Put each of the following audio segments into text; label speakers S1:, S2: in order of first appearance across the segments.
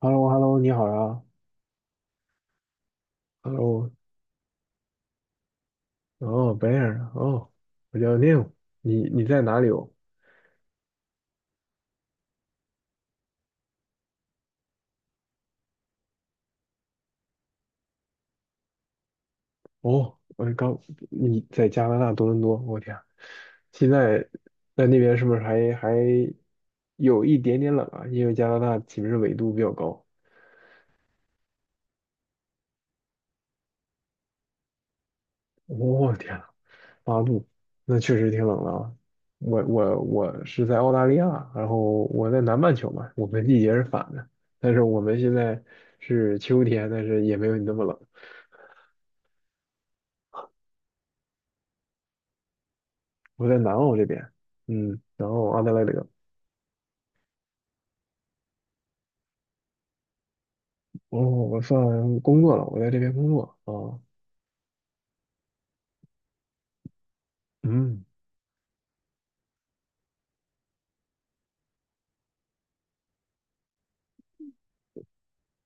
S1: h e l l o h e l l o 你好呀。哦。哦，白 r 哦。我叫 Neil。你在哪里哦？哦，我刚你在加拿大多伦多，我天，现在在那边是不是还有一点点冷啊？因为加拿大岂不是纬度比较高？天呐八度，那确实挺冷的啊。我是在澳大利亚，然后我在南半球嘛，我们季节是反的，但是我们现在是秋天，但是也没有你那么冷。我在南澳这边，然后阿德莱德。哦，我算工作了，我在这边工作啊。嗯。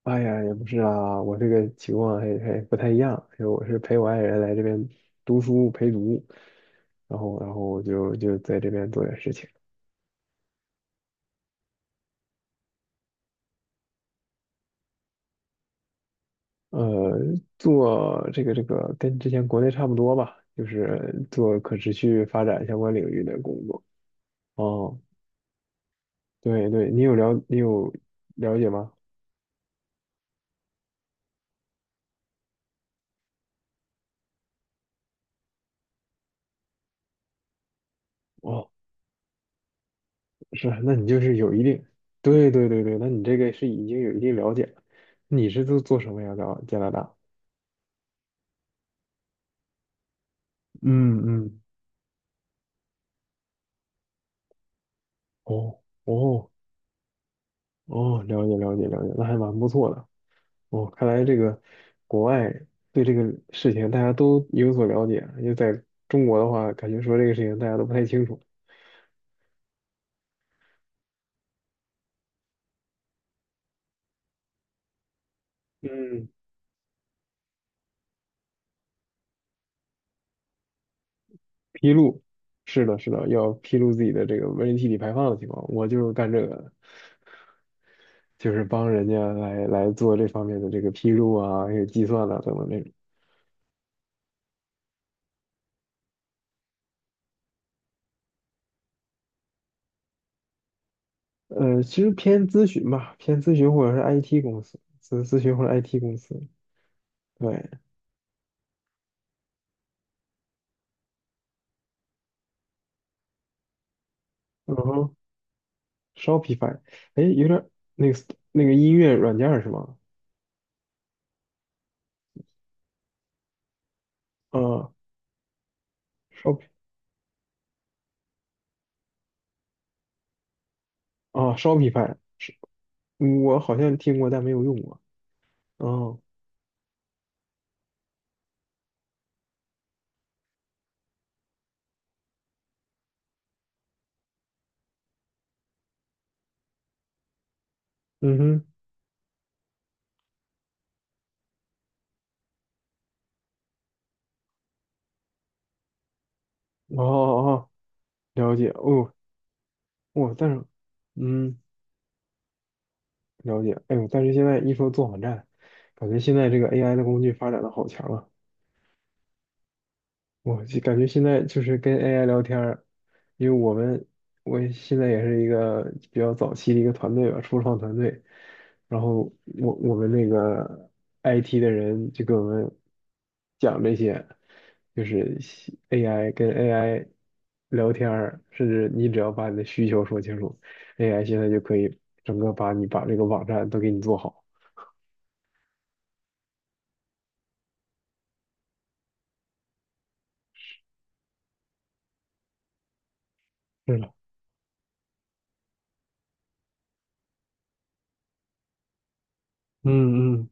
S1: 哎呀，也不是啊，我这个情况还不太一样，因为我是陪我爱人来这边读书陪读，然后我就在这边做点事情。呃，做这个跟之前国内差不多吧，就是做可持续发展相关领域的工作。哦，对对，你有了解吗？哦。是，那你就是有一定。对对对对，那你这个是已经有一定了解了。你是做什么呀？在加拿大？嗯嗯。哦哦哦，了解了解了解，那还蛮不错的。哦，看来这个国外对这个事情大家都有所了解，因为在中国的话，感觉说这个事情大家都不太清楚。嗯，披露，是的，是的，要披露自己的这个温室气体排放的情况，我就是干这个的。就是帮人家来做这方面的这个披露啊，还有计算啊等等这种。其实偏咨询吧，偏咨询或者是 IT 公司，咨询或者 IT 公司。对，然后 Shopify，哎，有点儿那个那个音乐软件儿是吗？啊，Shop Shopify，是我好像听过，但没有用过。哦。嗯哼。哦哦。哦，了解。哦。哇，但是。嗯。了解，哎呦，但是现在一说做网站，感觉现在这个 AI 的工具发展的好强啊！我就感觉现在就是跟 AI 聊天儿，因为我现在也是一个比较早期的一个团队吧，初创团队。然后我们那个 IT 的人就跟我们讲这些，就是 AI 跟 AI 聊天儿，甚至你只要把你的需求说清楚，AI 现在就可以整个把这个网站都给你做好。是的。嗯嗯。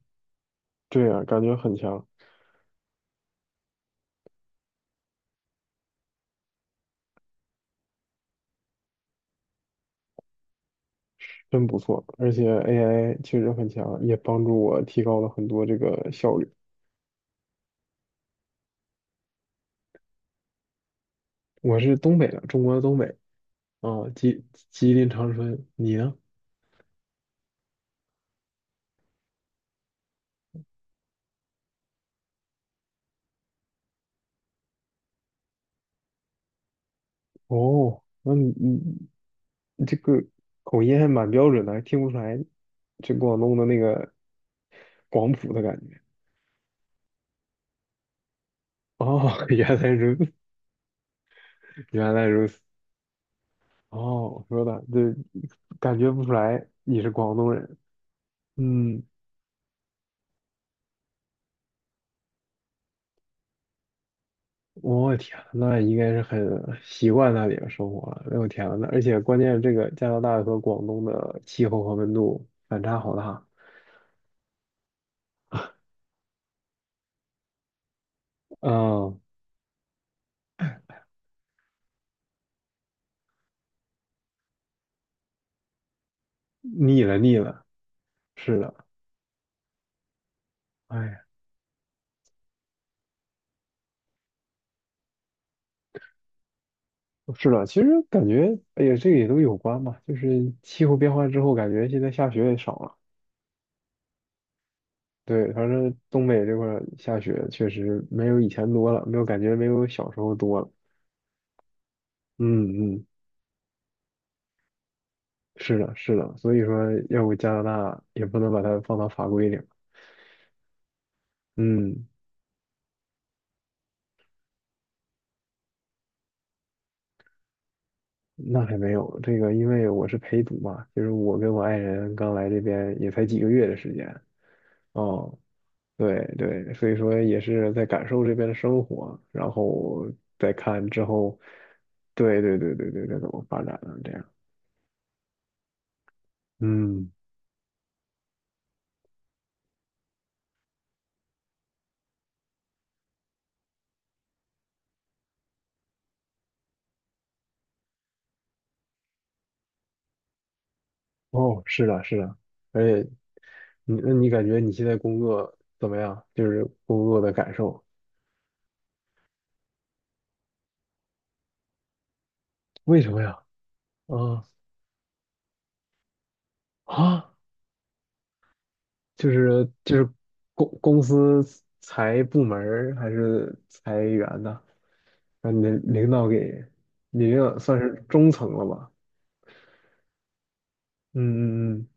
S1: 对啊，感觉很强，真不错。而且 AI 确实很强，也帮助我提高了很多这个效率。我是东北的，中国的东北啊，吉林长春。你呢？哦，那你这个口音还蛮标准的，还听不出来这广东的那个广普的感觉。哦，原来如此。原来如此。哦，我说的，对，感觉不出来你是广东人。嗯。我天，那应该是很习惯那里的生活了。哎呦天呐，那而且关键是这个加拿大和广东的气候和温度反差好大。嗯，腻了腻了，是的，哎呀是的，其实感觉，哎呀，这个也都有关吧，就是气候变化之后，感觉现在下雪也少了。对，反正东北这块儿下雪确实没有以前多了，没有感觉没有小时候多了。嗯嗯，是的，是的，所以说要不加拿大也不能把它放到法规里。嗯，那还没有，这个因为我是陪读嘛，就是我跟我爱人刚来这边也才几个月的时间。哦，对对，所以说也是在感受这边的生活，然后再看之后，对对对对对，该怎么发展了这样。嗯。哦，是的，是的，而且那你感觉你现在工作怎么样？就是工作的感受。为什么呀？啊、啊，就是公司裁部门儿还是裁员呢？让你的领导给，你领导算是中层了吧？嗯嗯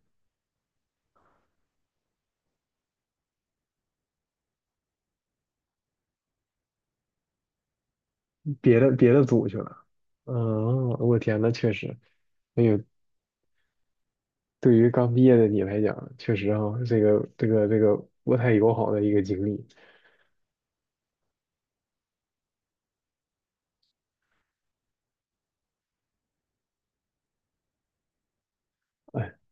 S1: 嗯。别的组去了。嗯，我天呐，确实，哎呦，对于刚毕业的你来讲，确实哈、这个不太友好的一个经历。哎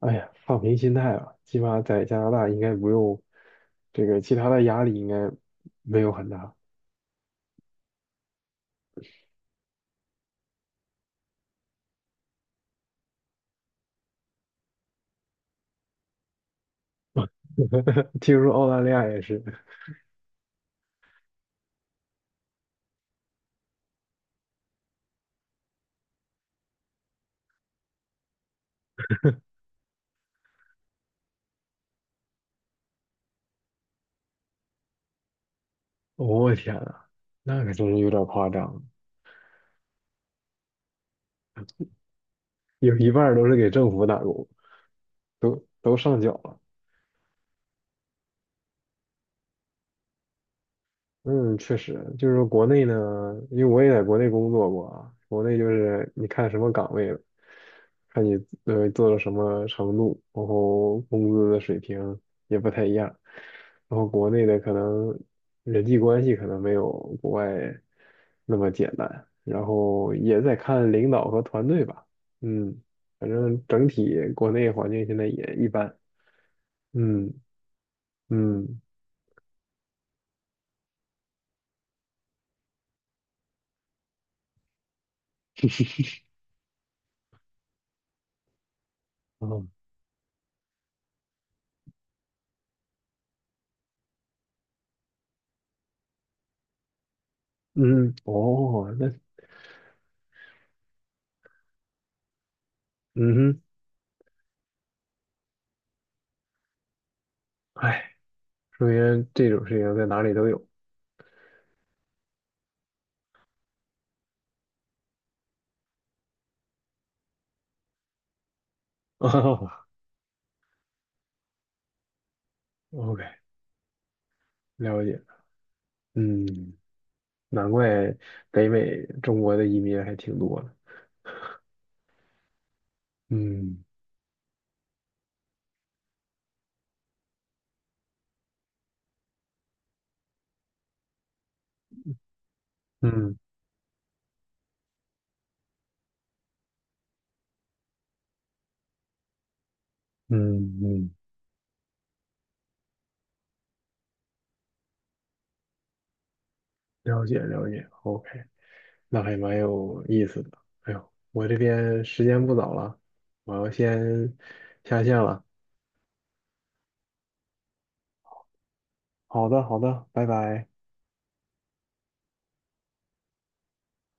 S1: 哎呀，放平心态吧，起码在加拿大应该不用这个其他的压力，应该没有很大。听说澳大利亚也是。我天呐，那可真是有点夸张，有一半儿都是给政府打工，都上缴了。嗯，确实，就是说国内呢，因为我也在国内工作过啊，国内就是你看什么岗位了，看你做到什么程度，然后工资的水平也不太一样，然后国内的可能人际关系可能没有国外那么简单，然后也在看领导和团队吧，嗯，反正整体国内环境现在也一般。嗯嗯。哦嗯。哦。嗯哼。哎，首先这种事情在哪里都有。哦。 OK，了解。嗯，难怪北美中国的移民还挺多的。嗯嗯嗯嗯，了解了解。OK，那还蛮有意思的。哎呦，我这边时间不早了，我要先下线了。好的好的，拜拜。